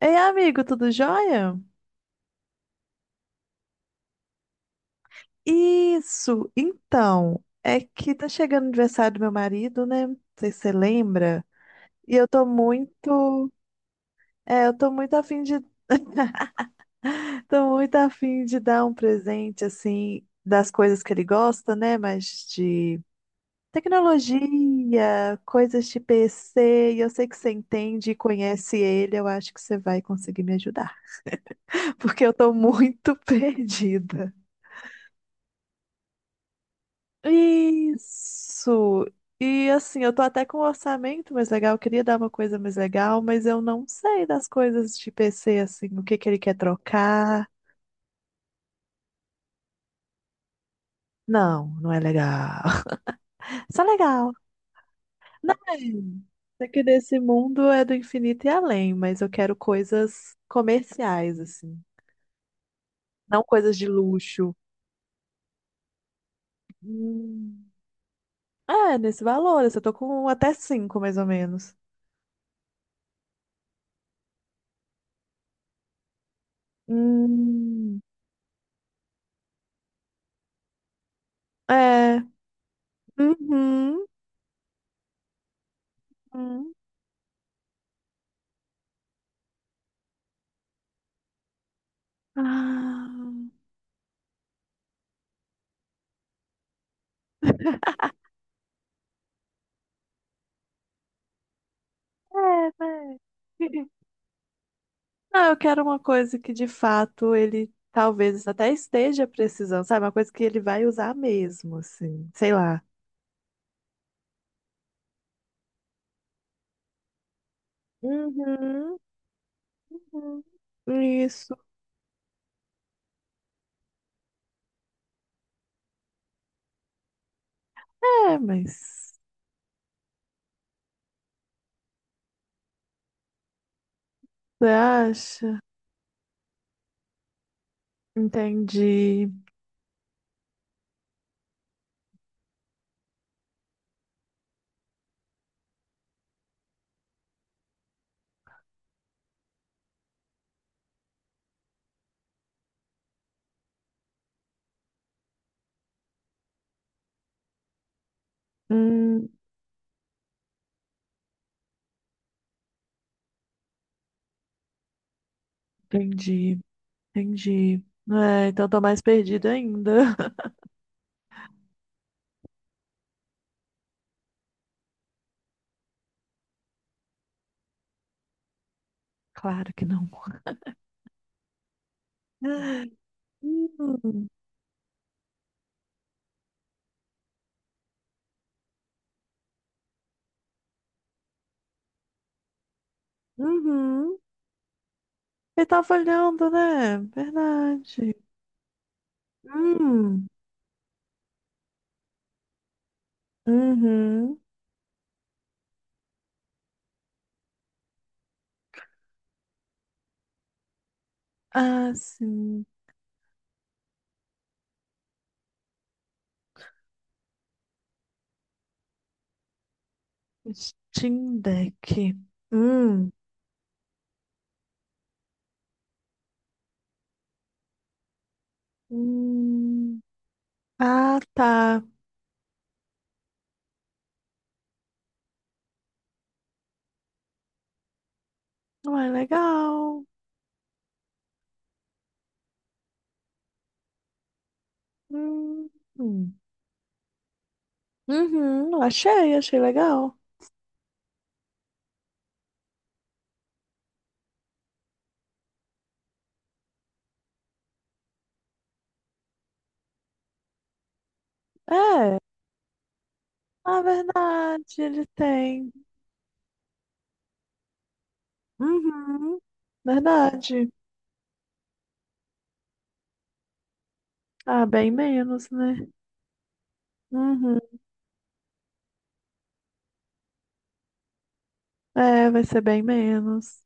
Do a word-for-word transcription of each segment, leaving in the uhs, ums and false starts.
Ei, amigo, tudo jóia? Isso, então, é que tá chegando o aniversário do meu marido, né? Não sei se você lembra. E eu tô muito, é, eu tô muito afim de, tô muito afim de dar um presente, assim, das coisas que ele gosta, né? Mas de tecnologia, coisas de P C, e eu sei que você entende e conhece ele, eu acho que você vai conseguir me ajudar, porque eu tô muito perdida. Isso! E assim, eu tô até com um orçamento mais legal, eu queria dar uma coisa mais legal, mas eu não sei das coisas de P C, assim, o que que ele quer trocar. Não, não é legal. Só legal. Não, é É que desse mundo é do infinito e além, mas eu quero coisas comerciais, assim, não coisas de luxo. Hum. É, nesse valor, assim, eu tô com até cinco, mais ou menos. Hum. É. Uhum. Uhum. Ah, é, né? Não, eu quero uma coisa que de fato ele talvez até esteja precisando, sabe? Uma coisa que ele vai usar mesmo, assim. Sei lá. Uhum, uhum. Isso. É, mas você acha? Entendi. Hum, entendi, entendi. É, então tô mais perdida ainda. Claro que não. Hum, uhum. Ele tava olhando, né? Verdade. Hum. Uhum. Ah, sim. Steam Deck. Hum. Hum. Ah, tá. Ué, legal. Hum. Hum. Uhum. Achei, achei legal. É. Ah, verdade, ele tem. Uhum. Verdade. Ah, bem menos, né? Uhum. É, vai ser bem menos.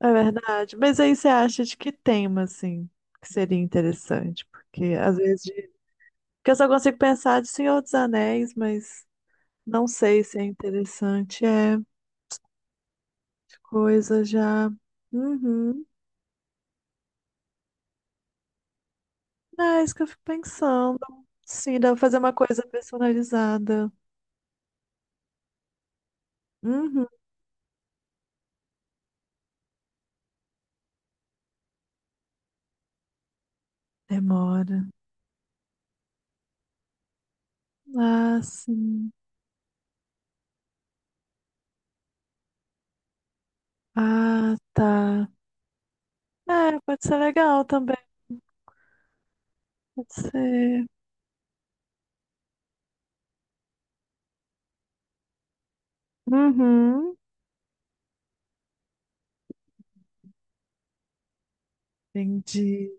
É verdade. Mas aí você acha de que tema, assim, que seria interessante? Porque às vezes. Porque eu só consigo pensar de Senhor dos Anéis, mas não sei se é interessante. É, coisa já. Uhum. É isso que eu fico pensando. Sim, dá pra fazer uma coisa personalizada. Uhum. Demora. Ah, sim. Ah, tá. É, pode ser legal também. Pode ser. Uhum. Entendi.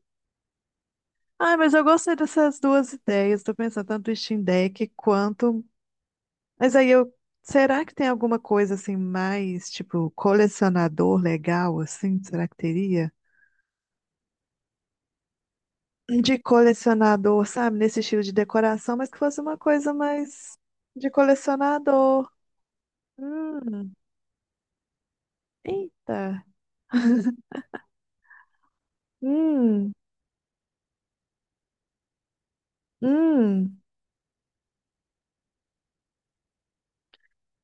Ai, mas eu gostei dessas duas ideias. Tô pensando tanto em Steam Deck quanto mas aí eu. Será que tem alguma coisa assim mais, tipo, colecionador legal, assim? Será que teria? De colecionador, sabe? Nesse estilo de decoração, mas que fosse uma coisa mais de colecionador. Hum, eita. Hum, hum.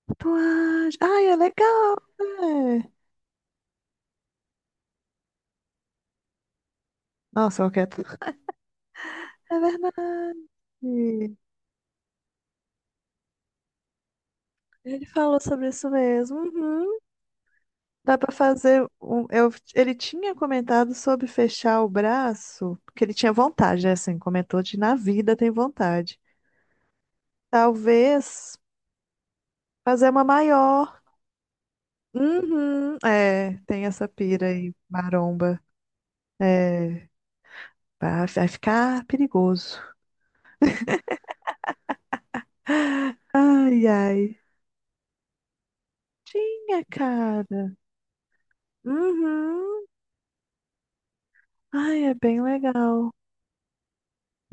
Tatuagem. Ai, é legal, né? Nossa, eu quero. É verdade. Ele falou sobre isso mesmo. Uhum. Dá pra fazer um. Eu, ele tinha comentado sobre fechar o braço, porque ele tinha vontade, né? Assim, comentou de na vida tem vontade. Talvez fazer uma maior. Uhum, é, tem essa pira aí, maromba. É, vai, vai ficar perigoso. Ai, ai. Tinha, cara. Uhum. Ai, é bem legal.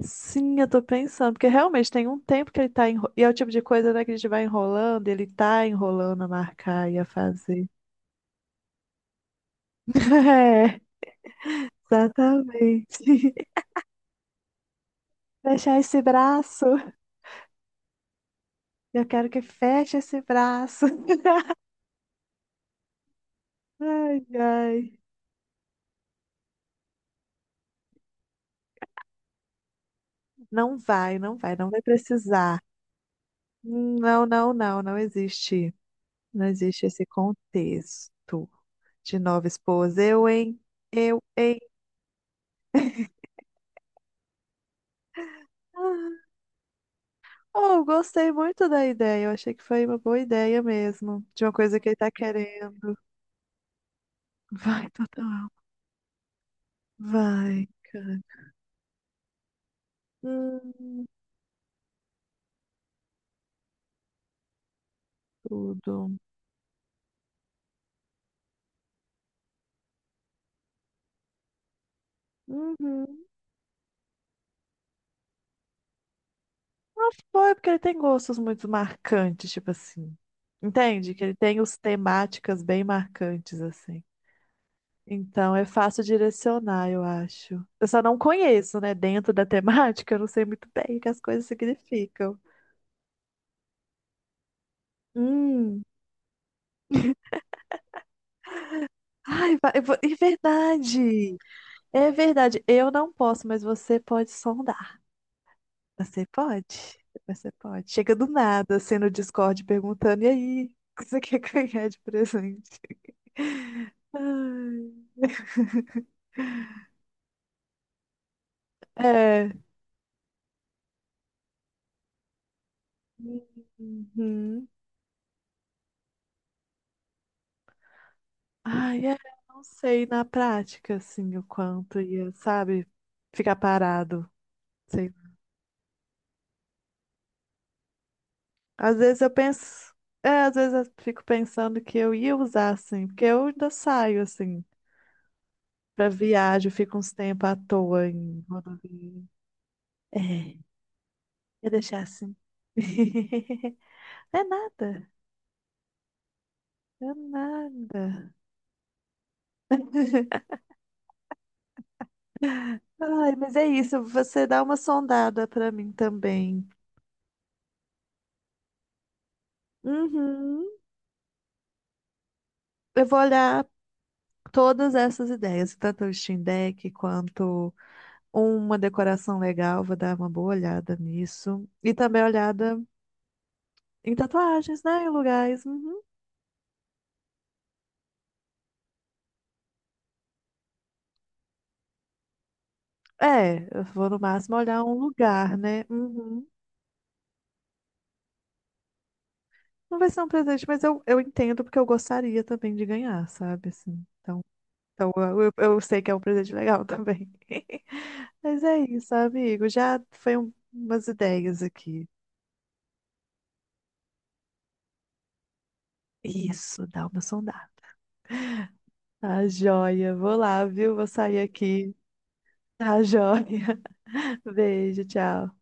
Sim, eu tô pensando, porque realmente tem um tempo que ele tá enro... E é o tipo de coisa, né, que a gente vai enrolando, ele tá enrolando a marcar e a fazer. É, exatamente. Fechar esse braço. Eu quero que feche esse braço. Ai, ai. Não vai, não vai, não vai precisar. Não, não, não, não existe. Não existe esse contexto de nova esposa. Eu, hein? Eu, hein? Oh, eu gostei muito da ideia. Eu achei que foi uma boa ideia mesmo. De uma coisa que ele tá querendo. Vai, total. Vai, cara. Hum, tudo. Uhum. Bom, é porque ele tem gostos muito marcantes, tipo assim. Entende? Que ele tem os temáticas bem marcantes, assim. Então é fácil direcionar, eu acho. Eu só não conheço, né? Dentro da temática, eu não sei muito bem o que as coisas significam. Hum. Ai, vai, eu vou- é verdade! É verdade, eu não posso, mas você pode sondar. Você pode? Você pode. Chega do nada, assim, no Discord perguntando, e aí, o que você quer ganhar de presente? Ai, é. Uhum. Ai, é, eu não sei na prática, assim, o quanto ia, sabe, ficar parado. Sei. Às vezes eu penso, é, às vezes eu fico pensando que eu ia usar, assim, porque eu ainda saio, assim. Pra viagem, fica uns tempos à toa em rodovia. É, ia deixar assim. É nada, é nada. Ai, mas é isso, você dá uma sondada pra mim também. Uhum. Eu vou olhar todas essas ideias, tanto o Steam Deck quanto uma decoração legal, vou dar uma boa olhada nisso. E também olhada em tatuagens, né? Em lugares. Uhum. É, eu vou no máximo olhar um lugar, né? Uhum. Não vai ser um presente, mas eu, eu entendo porque eu gostaria também de ganhar, sabe? Assim, então, então eu, eu eu sei que é um presente legal também. Mas é isso, amigo. Já foi um- umas ideias aqui. Isso, dá uma sondada. Tá joia. Vou lá, viu? Vou sair aqui. Tá joia. Beijo, tchau.